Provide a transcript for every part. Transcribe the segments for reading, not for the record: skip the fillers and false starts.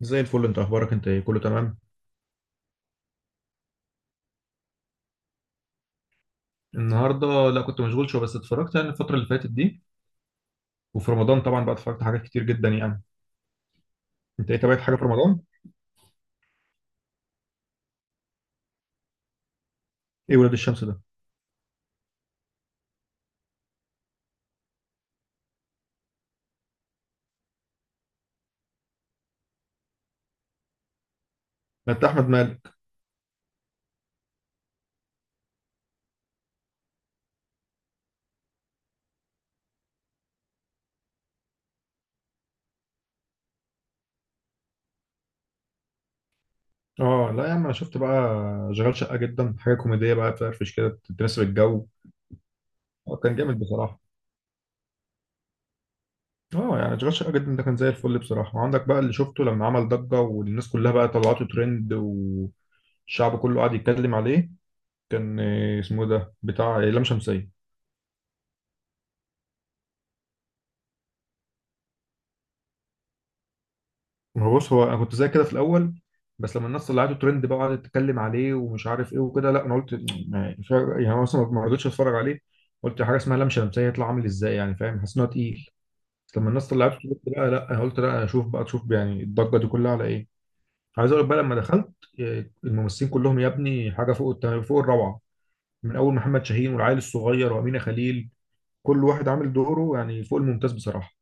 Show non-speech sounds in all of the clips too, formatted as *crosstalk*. زي الفل، انت اخبارك؟ انت ايه كله تمام؟ النهارده لا، كنت مشغول شويه، بس اتفرجت يعني الفتره اللي فاتت دي. وفي رمضان طبعا بقى اتفرجت حاجات كتير جدا يعني. انت ايه تابعت حاجه في رمضان؟ ايه ولاد الشمس ده؟ ده بتاع احمد مالك. اه لا يا عم انا شفت بقى. شغال شقه جدا، حاجه كوميديه بقى تفرفش كده، تناسب الجو. اه كان جامد بصراحه. اه يعني شغال شقه جدا ده كان زي الفل بصراحه. وعندك بقى اللي شفته لما عمل ضجه والناس كلها بقى طلعته ترند والشعب كله قاعد يتكلم عليه. كان اسمه إيه ده بتاع لام شمسيه. ما هو بص، هو انا كنت زي كده في الاول، بس لما الناس طلعته ترند بقى وقعدت تتكلم عليه ومش عارف ايه وكده، لا انا قلت ما- مش عارف- يعني أنا مثلا ما رضيتش اتفرج عليه. قلت حاجه اسمها لام شمسيه يطلع عامل ازاي، يعني فاهم، حاسس ان هو تقيل. بس لما الناس طلعته ترند بقى، لا انا قلت لا اشوف بقى، تشوف يعني الضجه دي كلها على ايه. عايز اقول لك بقى لما دخلت، الممثلين كلهم يا ابني حاجه فوق الروعه. من اول محمد شاهين والعيل الصغير وامينه خليل، كل واحد عامل دوره يعني فوق الممتاز بصراحه.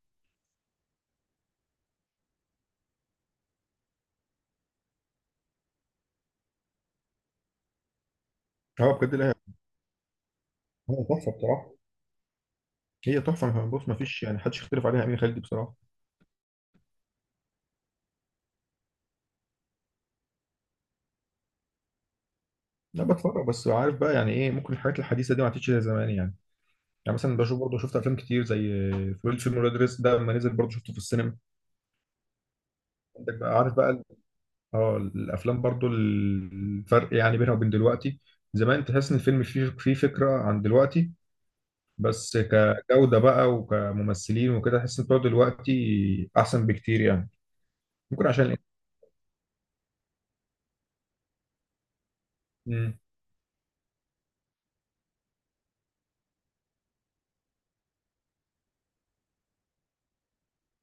اه بجد لا. هو تحفه بصراحه. هي تحفه، بص ما فيش يعني حدش يختلف عليها، امين خالد دي بصراحه. لا بتفرج، بس عارف بقى، يعني ايه، ممكن الحاجات الحديثه دي ما عادتش زي زمان يعني. يعني مثلا بشوف برضه، شفت افلام كتير زي فول فيلم ولاد رزق ده لما نزل برضه شفته في السينما. عندك بقى، اه الافلام برضه الفرق يعني بينها وبين دلوقتي. زمان تحس ان الفيلم فيه فكره عن دلوقتي، بس كجوده بقى وكممثلين وكده تحس ان بتوع دلوقتي احسن بكتير يعني. ممكن عشان إيه؟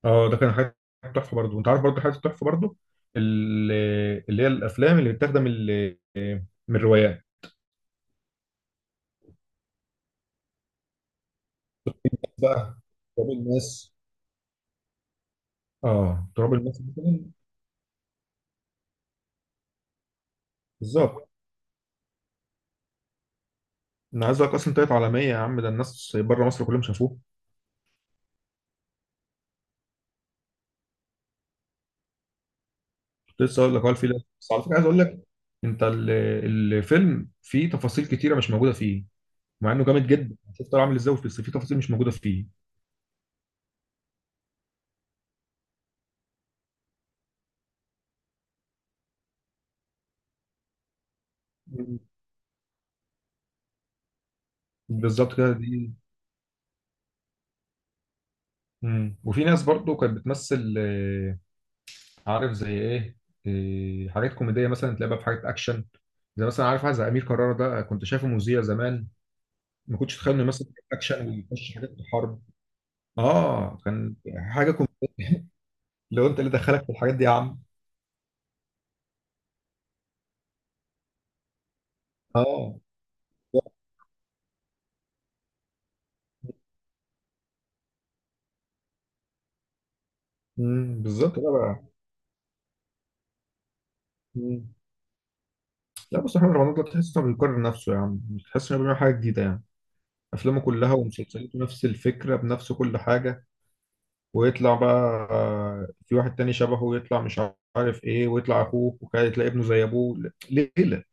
اه ده كان حاجه تحفه برضه. وانت عارف برضه حاجه تحفه برضه، ال- اللي هي الافلام اللي من الروايات بقى. تراب الماس. اه تراب الماس مثلا، بالظبط. انا عايز اقول لك اصلا طلعت عالميه يا عم، ده الناس بره مصر كلهم شافوه. كنت لسه اقول لك، هو الفيلم بس على فكره عايز اقول لك، انت ال- الفيلم فيه تفاصيل كتيره مش موجوده فيه. مع انه جامد جدا، شفت هو عامل ازاي، بس فيه تفاصيل مش موجوده فيه. مم. بالظبط كده دي. وفي ناس برضه كانت بتمثل عارف زي ايه، حاجات كوميديه مثلا تلاقيها بقى في حاجات اكشن. زي مثلا عارف واحد زي امير كرارة ده، كنت شايفه مذيع زمان، ما كنتش اتخيل انه يمثل حاجات اكشن ويخش حاجات حرب. اه كان حاجه كوميديه، لو انت اللي دخلك في الحاجات دي يا عم. اه. بالظبط، لا بقى. مم. لا بس احمد رمضان ده تحس انه بيكرر نفسه يا عم، مش تحس انه بيعمل حاجه جديده يعني. افلامه كلها ومسلسلاته نفس الفكره بنفس كل حاجه، ويطلع بقى، في واحد تاني شبهه يطلع مش عارف ايه ويطلع اخوه، وكده تلاقي ابنه زي ابوه ليله،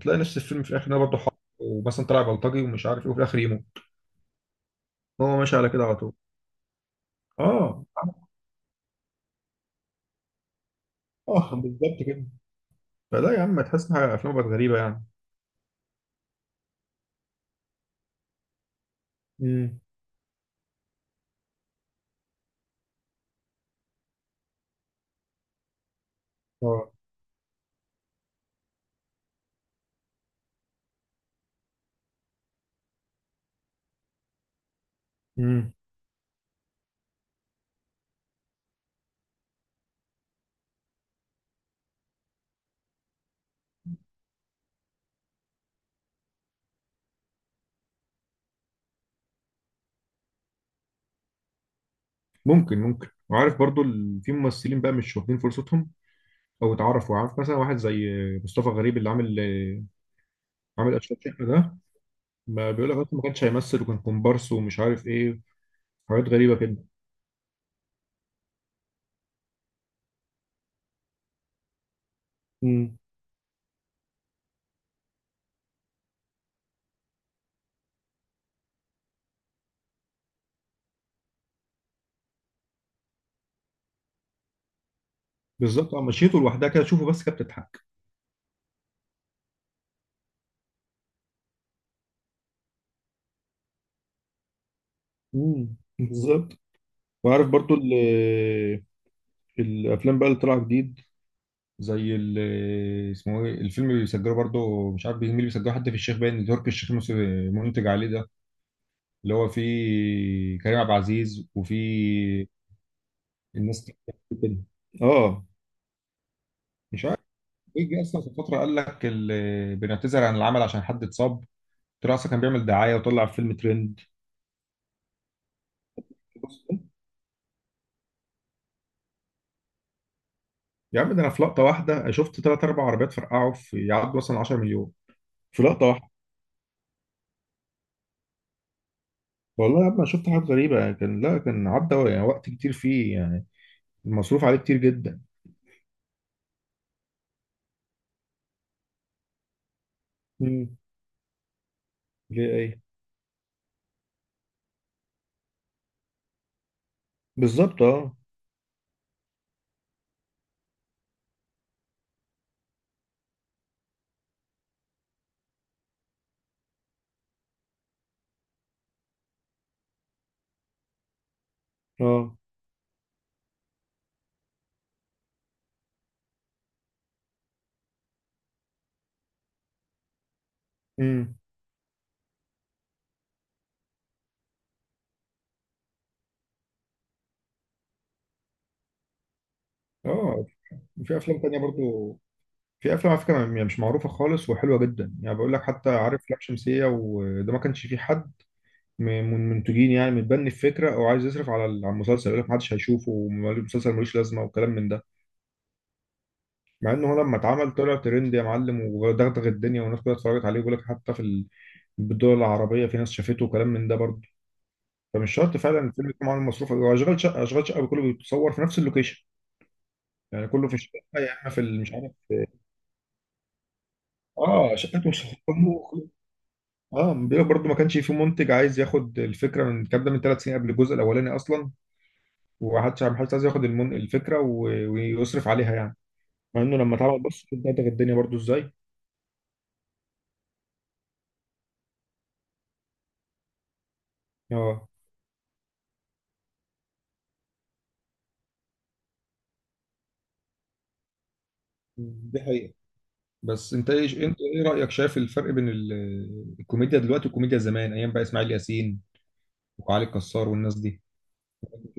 تلاقي نفس الفيلم في الاخر ده برضه حق، ومثلا طلع بلطجي ومش عارف ايه وفي الاخر يموت. هو ماشي على كده على طول. اه. اه بالظبط كده، فلا يا عم تحس ان افلام بقت غريبه يعني. امم. اه. امم ممكن. في ممثلين بقى مش واخدين فرصتهم او اتعرفوا، عارف مثلا واحد زي مصطفى غريب، اللي عامل اشرف شقه ده. ما بيقول لك أصلاً ما كانش هيمثل وكان كومبارس ومش عارف ايه، حاجات غريبه كده. امم بالظبط. اه مشيته لوحدها كده، شوفه بس كانت بتضحك. بالظبط. وعارف برضو ال- الافلام بقى اللي طلع جديد، اسمه ايه الفيلم اللي بيسجله برضو، مش عارف مين اللي بيسجله، حتى في الشيخ باين تركي الشيخ منتج عليه ده، اللي هو فيه كريم عبد العزيز وفيه الناس كده. اه مش عارف ايه، جه اصلا في فتره قال لك بنعتذر عن العمل عشان حد اتصاب، طلع اصلا كان بيعمل دعايه، وطلع فيلم ترند. يا عم ده انا في لقطه واحده شفت 3 أو 4 عربيات فرقعوا، في يعدوا مثلا 10 مليون في لقطه واحده. والله يا عم أنا شفت حاجات غريبه، يعني كان لا كان عدى يعني وقت كتير فيه يعني، المصروف عليه كتير جدا. امم. ليه ايه؟ بالظبط اه. اه امم اه في افلام تانية برضو، في افلام على فكره يعني مش معروفه خالص وحلوه جدا يعني، بقول لك حتى عارف لام شمسيه وده ما كانش فيه حد من المنتجين يعني متبني الفكره او عايز يصرف على على المسلسل، يقول لك ما حدش هيشوفه والمسلسل ملوش لازمه وكلام من ده. مع ان هو لما اتعمل طلع ترند يا معلم ودغدغ الدنيا والناس كلها اتفرجت عليه، ويقول لك حتى في الدول العربيه في ناس شافته وكلام من ده برضه. فمش شرط فعلا الفيلم يكون معاه مصروف، هو اشغال شقه، اشغال شقه كله بيتصور في نفس اللوكيشن، يعني كله في الشقه، يا اما في مش عارف. اه شقته مش كله. اه بيقول لك برضه ما كانش في منتج عايز ياخد الفكره من الكلام ده من 3 سنين قبل الجزء الاولاني اصلا، ما حدش عايز ياخد الفكره ويصرف عليها يعني. مع انه لما اتعمل بص دغدغ الدنيا برضه ازاي. اه دي حقيقة. بس انت ايه رايك، شايف الفرق بين الكوميديا دلوقتي والكوميديا زمان ايام بقى اسماعيل ياسين وعلي الكسار والناس دي؟ *laughs*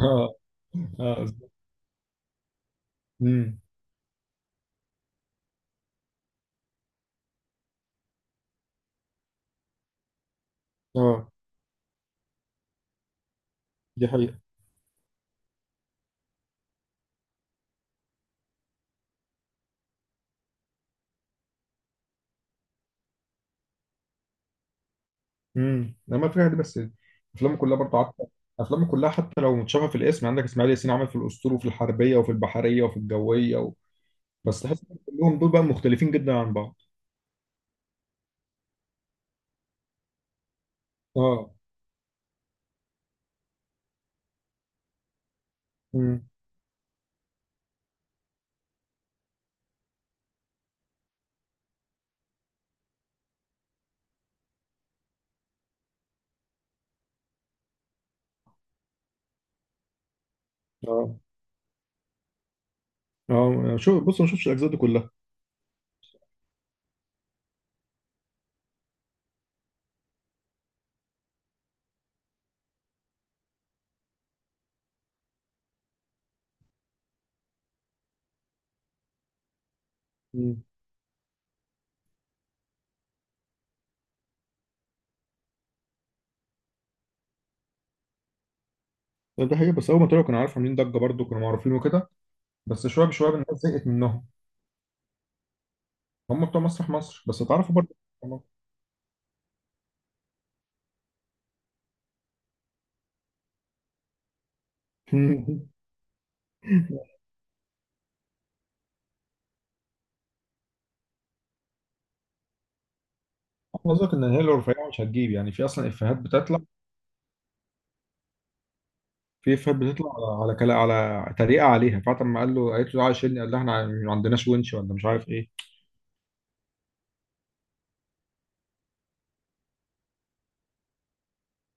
اه. اه امم اه دي حقيقة. لما في حاجه، بس افلامه كلها برضه عارفه، افلامه كلها حتى لو متشابهه في الاسم. عندك اسماعيل ياسين عمل في الاسطول وفي الحربيه وفي البحريه وفي الجويه بس تحس إن كلهم دول بقى مختلفين جدا عن بعض. اه. امم اه اه شو بص ما شفتش الاجزاء دي كلها. ده حقيقي، بس اول ما طلعوا كانوا عارفين عاملين ضجه برضو، كانوا معروفين وكده، بس شويه بشويه الناس زهقت منهم. هم بتوع مسرح مصر بس اتعرفوا برضو. *laughs* قصدك ان هي لو رفيعه مش هتجيب؟ يعني في اصلا افيهات بتطلع، في افيهات بتطلع على على كلا على طريقه عليها. فاطمه ما قال له قالت له تعالى شيلني قال لها احنا ما عندناش ونش ولا مش عارف ايه.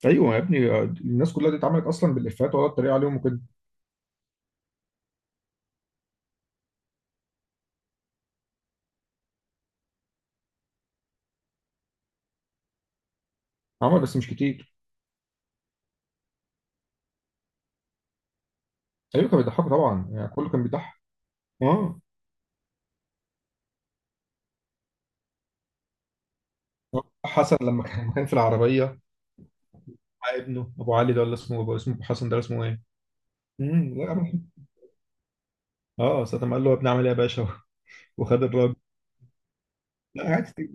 ايوه يا ابني الناس كلها دي اتعملت اصلا بالافيهات ولا الطريقه عليهم وكده. عمل بس مش كتير. ايوه كان بيضحكوا طبعا يعني كله كان بيضحك. اه. حسن لما كان *laughs* كان في العربيه ابنه ابو علي ده، ولا اسمه ابو، اسمه ابو حسن ده، اسمه ايه؟ لا عمل- اه ساعة ما قال له يا ابني عمل ايه يا باشا، *laughs* وخد الراجل. لا عادي.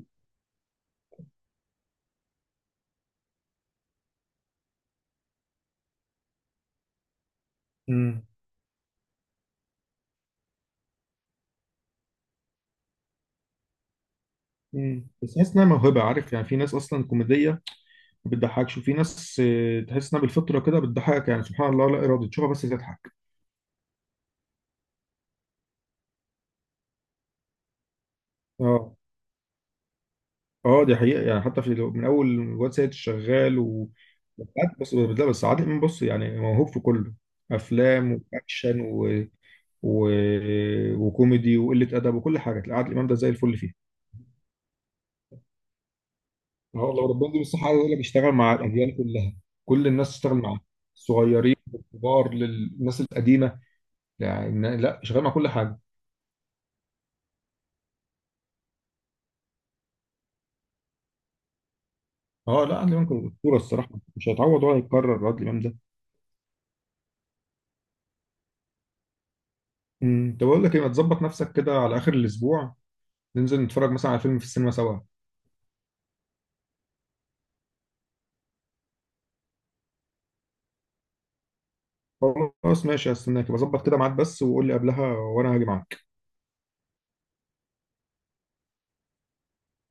امم امم بس تحس انها موهبه، عارف، يعني في ناس اصلا كوميديه ما بتضحكش، وفي ناس تحس انها بالفطره كده بتضحكك يعني، سبحان الله، لا ارادي تشوفها بس تضحك. اه. اه دي حقيقه، يعني حتى في من اول الواد سيد الشغال بس بس لا، بس عادل امام بص يعني موهوب في كله، افلام واكشن و... وكوميدي وقله ادب وكل حاجه تلاقي عادل امام ده زي الفل فيها. ما هو لو ربنا يديله الصحة، عايز اقول لك، اشتغل مع الأديان كلها، كل الناس تشتغل معاه، الصغيرين للكبار للناس القديمة، يعني لا، شغال مع كل حاجة. اه لا عادل إمام كان أسطورة الصراحة، مش هيتعوض ولا هيتكرر عادل إمام ده. طب أقول لك إيه، ما تظبط نفسك كده على آخر الأسبوع، ننزل نتفرج مثلا على فيلم في السينما سوا. خلاص ماشي، هستناك، بظبط كده ميعاد بس وقول لي قبلها وأنا هاجي معاك.